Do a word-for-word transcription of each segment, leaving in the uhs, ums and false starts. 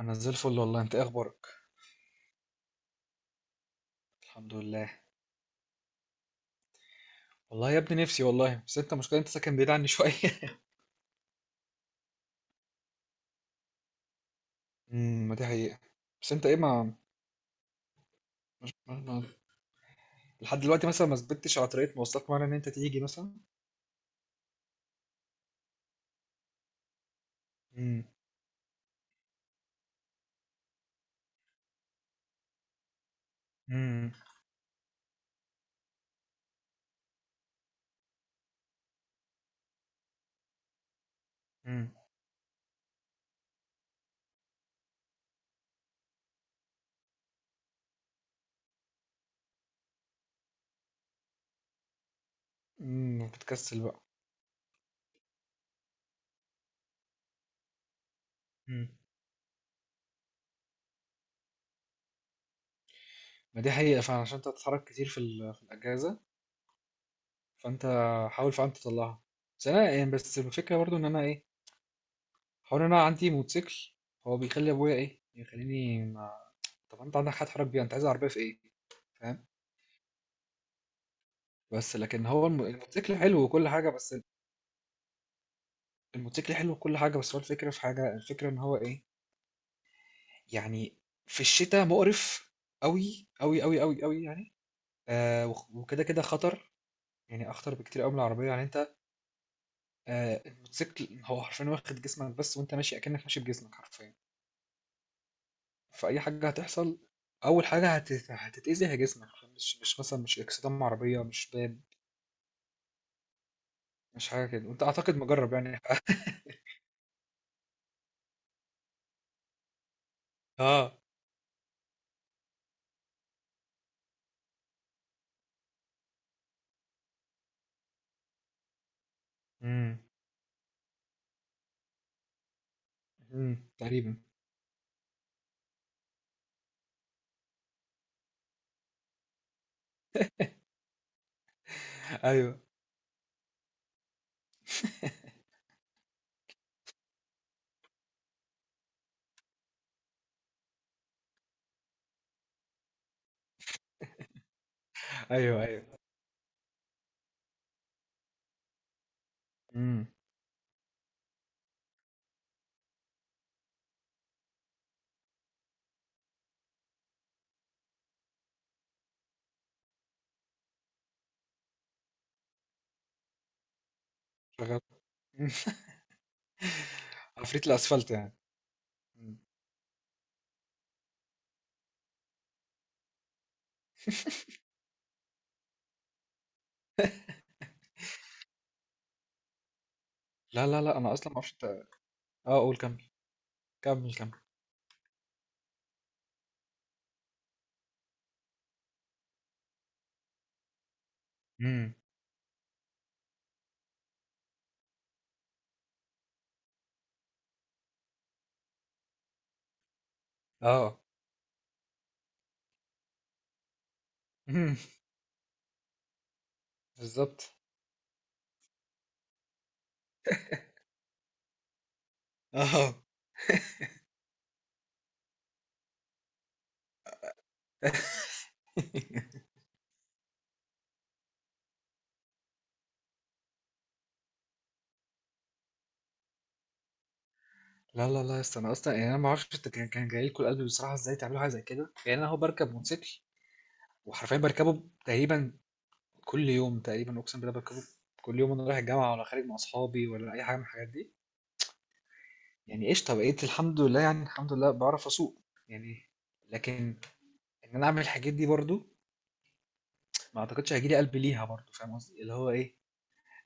انا زي الفل والله، انت إيه اخبارك؟ الحمد لله. والله يا ابني نفسي والله، بس انت مشكلة، انت ساكن بعيد عني شوية. امم ما دي حقيقة. بس انت ايه؟ ما ما- ما- لحد دلوقتي مثلا ما ثبتتش على طريقة مواصلات معينة ان انت تيجي مثلا. امم امم امم امم بتكسل بقى. امم ما دي حقيقة فعلا، عشان انت بتتحرك كتير في ال- في الاجازة، فانت حاول فعلا تطلعها. بس انا يعني، بس الفكرة برضو ان انا ايه، حوار ان انا عندي موتوسيكل، هو بيخلي ابويا ايه يخليني ما... طب انت عندك حد تحرك بيها؟ انت عايز عربية في ايه؟ بس لكن هو الم- الموتوسيكل حلو وكل حاجة، بس الموتوسيكل حلو وكل حاجة، بس هو الفكرة في حاجة، الفكرة ان هو ايه، يعني في الشتاء مقرف قوي قوي قوي قوي قوي، يعني آه وخ- وكده كده خطر، يعني اخطر بكتير قوي من العربية، يعني انت آه الموتوسيكل هو حرفيا واخد جسمك بس، وانت ماشي اكنك ماشي بجسمك حرفيا، فاي حاجة هتحصل، اول حاجة هت- هتتأذي هي جسمك، مش مش مثلا مش اكسدام عربية، مش باب، مش حاجة كده، وانت اعتقد مجرب يعني. اه، امم أمم، تقريبا. ايوه، أيوه، أيوه. إمم. شغّال. إمم. عفريت الأسفلت يعني. إمم. لا، لا، لأ، أنا أصلًا ما أعرفش أنت. آه قُل كمّل، كمّل، كمّل. إمم. آه. إمم. بالضبط. آه. لا، لا، لا، يا اسطى، أنا أصلًا يعني أنا ما أعرفش أنت كان كان جاي لكم القلب بصراحة إزاي تعملوا حاجة زي كده. يعني أنا أهو باركب موتوسيكل، وحرفيًا باركبه تقريبًا كل يوم تقريبًا، أقسم بالله باركبه كل يوم، وأنا رايح الجامعة ولا خارج مع أصحابي ولا أي حاجة من الحاجات دي، يعني قشطة، بقيت الحمد لله، يعني الحمد لله باعرف أسوق، يعني. لكن إن أنا أعمل الحاجات دي برضه ما أعتقدش هييجي لي قلب ليها برضه، فاهم قصدي؟ اللي هو إيه،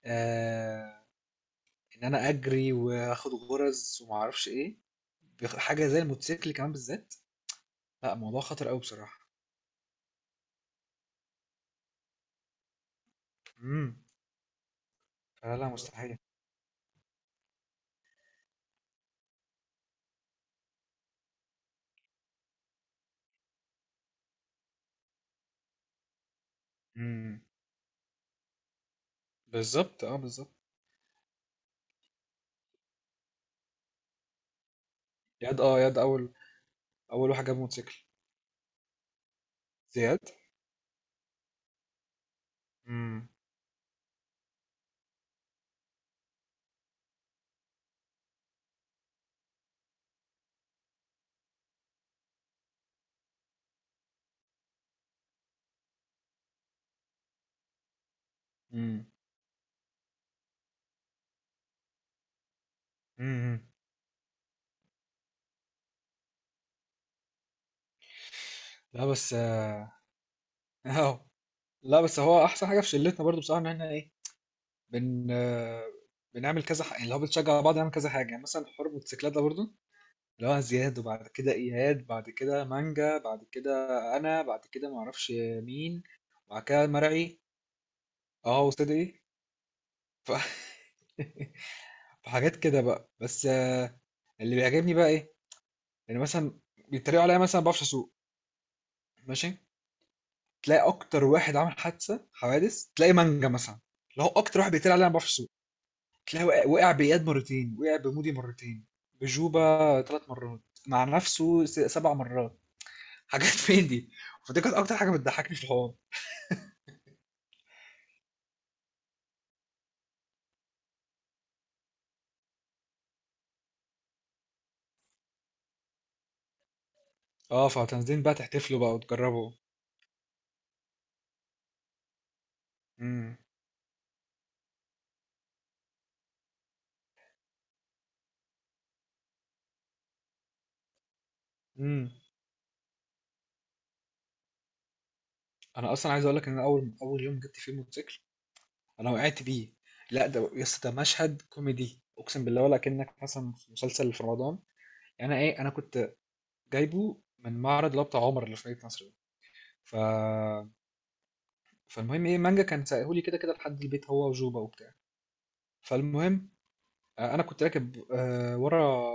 آه، إن أنا أجري وآخد غرز وما أعرفش إيه، بيخ- حاجة زي الموتوسيكل كمان بالذات، لا موضوع خطر أوي بصراحة. امم فلا لا مستحيل. امم بالظبط، اه بالظبط. زياد، اه زياد أول أول واحد جاب موتوسيكل. زياد. امم. امم. امم. لا بس آه. أهو. لا بس هو أحسن حاجة في شلتنا برضه بصراحة إن إحنا إيه، بن آه، بنعمل كذا حاجة، اللي هو بنشجع بعض، نعمل كذا حاجة، يعني مثلا حوار الموتوسيكلات ده برضه، اللي هو زياد وبعد كده إياد بعد كده مانجا بعد كده أنا بعد كده معرفش مين بعد كده مرعي. اه وصدقي ف... فحاجات كده بقى، بس آه، اللي بيعجبني بقى إيه، يعني مثلا بيتريقوا عليا مثلا ما بعرفش أسوق، ماشي. تلاقي أكتر واحد عامل حادثة، حوادث، تلاقي مانجا مثلا، اللي هو أكتر واحد بيتريق عليا أنا ما بعرفش أسوق. تلاقي وقع, وقع بإياد مرتين، وقع بمودي مرتين، بجوبة ثلاث مرات، مع نفسه س- سبع مرات، حاجات. فين دي؟ فدي كانت أكتر حاجة بتضحكني في الحوار. اه، فهتنزلين بقى تحتفلوا بقى وتجربوا. امم امم انا اصلا عايز اقول لك ان انا اول اول يوم جبت فيه موتوسيكل، انا وقعت بيه. لا ده يا اسطى ده مشهد كوميدي، اقسم بالله ولا كأنك مثلا في مسلسل في رمضان، يعني انا ايه، انا كنت جايبه من معرض اللي هو بتاع عمر اللي في مدينة نصر ده. ف فالمهم ايه، مانجا كان سايقهولي كده كده لحد البيت هو وجوبا وبتاع. فالمهم آه، انا كنت راكب آه، ورا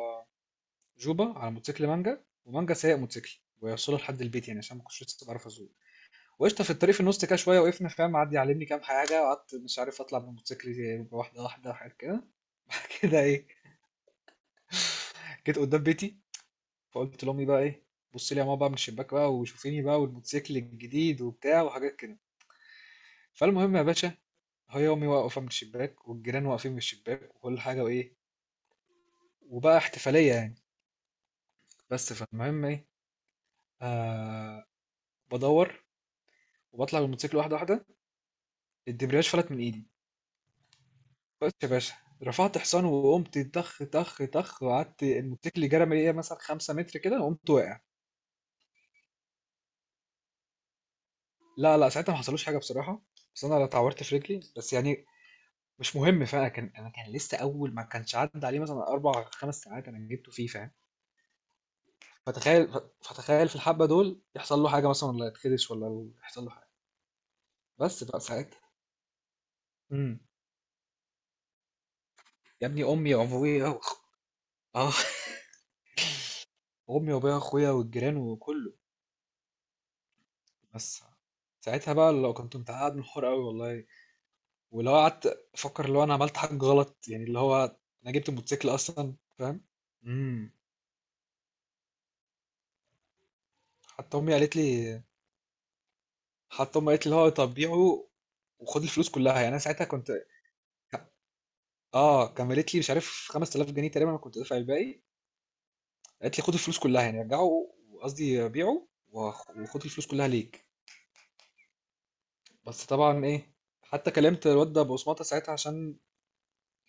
جوبا على موتوسيكل مانجا، ومانجا سايق موتوسيكل ويوصله لحد البيت يعني عشان ما كنتش لسه بعرف اسوق. وقشطه في الطريق في النص كده شويه وقفنا فاهم، قعد يعلمني كام حاجه، وقعدت مش عارف اطلع من موتوسيكل، واحده واحده، وحاجات كده. كده ايه، جيت قدام بيتي، فقلت لامي بقى ايه، بص لي يا ماما بقى من الشباك بقى وشوفيني بقى والموتوسيكل الجديد وبتاع وحاجات كده. فالمهم يا باشا، هي امي واقفه من الشباك والجيران واقفين من الشباك وكل حاجه، وايه، وبقى احتفاليه يعني. بس فالمهم ايه، آه، بدور وبطلع بالموتوسيكل واحده واحده، الدبرياج فلت من ايدي، بس يا باشا، رفعت حصان وقمت طخ طخ طخ، وقعدت الموتوسيكل جرى من ايه مثلا خمسة متر كده، وقمت واقع. لا لا، ساعتها ما حصلوش حاجه بصراحه، بس انا لا اتعورت في رجلي بس، يعني مش مهم فاهم، كان انا كان لسه اول، ما كانش عدى عليه مثلا اربع خمس ساعات انا جبته فيه فاهم. فتخيل ف- فتخيل في الحبه دول يحصل له حاجه مثلا، ولا يتخدش، ولا يحصل له حاجه. بس بقى ساعتها، امم يا ابني امي وابويا و- اه امي وابويا واخويا والجيران وكله، بس ساعتها بقى لو كنت متعقد من الحوار قوي والله، ولو قعدت افكر اللي هو انا عملت حاجه غلط، يعني اللي هو انا جبت الموتوسيكل اصلا فاهم. امم حتى امي قالت لي، حتى امي قالت لي اللي هو طب بيعه وخد الفلوس كلها يعني. انا ساعتها كنت اه، كان قالت لي مش عارف خمسة آلاف جنيه تقريبا انا كنت دافع الباقي، قالت لي خد الفلوس كلها يعني رجعه، قصدي بيعه وخ- وخد الفلوس كلها ليك. بس طبعا ايه، حتى كلمت الواد ده بصمته ساعتها عشان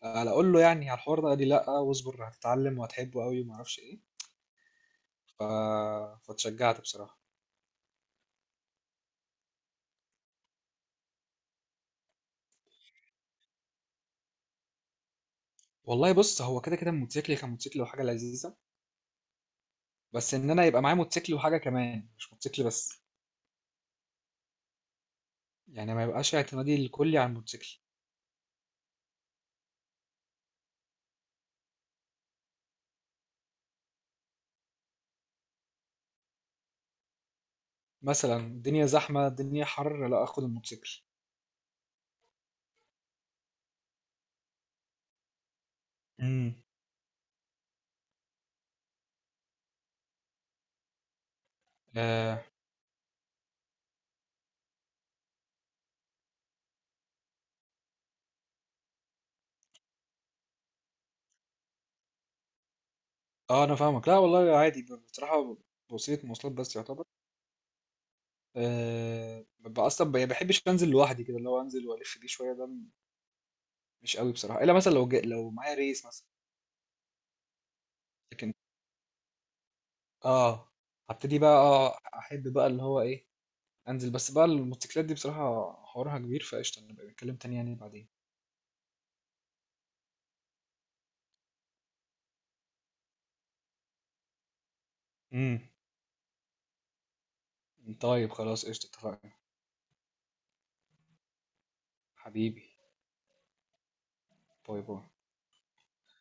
على اقول له، يعني على الحوار ده، قال لي لا واصبر هتتعلم وهتحبه قوي وما اعرفش ايه. ف... فتشجعت بصراحه. والله بص هو كده كده الموتوسيكل كان موتوسيكل وحاجه لذيذه، بس ان انا يبقى معايا موتوسيكل وحاجه كمان مش موتوسيكل بس، يعني ما يبقاش اعتمادي الكلي على الموتوسيكل، مثلا الدنيا زحمه الدنيا حر، لا اخد الموتوسيكل. امم اه, آه انا فاهمك، لا والله عادي بصراحه، وسيله مواصلات بس يعتبر. آه ببقى اصلا ما بحبش انزل لوحدي كده، اللي هو انزل والف بيه شويه ده مش قوي بصراحه، الا مثلا لو جا... لو معايا ريس مثلا. لكن اه، هبتدي بقى، اه احب بقى اللي هو ايه انزل. بس بقى الموتوسيكلات دي بصراحة حوارها كبير، فقشطة نبقى نتكلم تاني يعني بعدين. امم طيب خلاص قشطة، اتفقنا حبيبي، باي باي.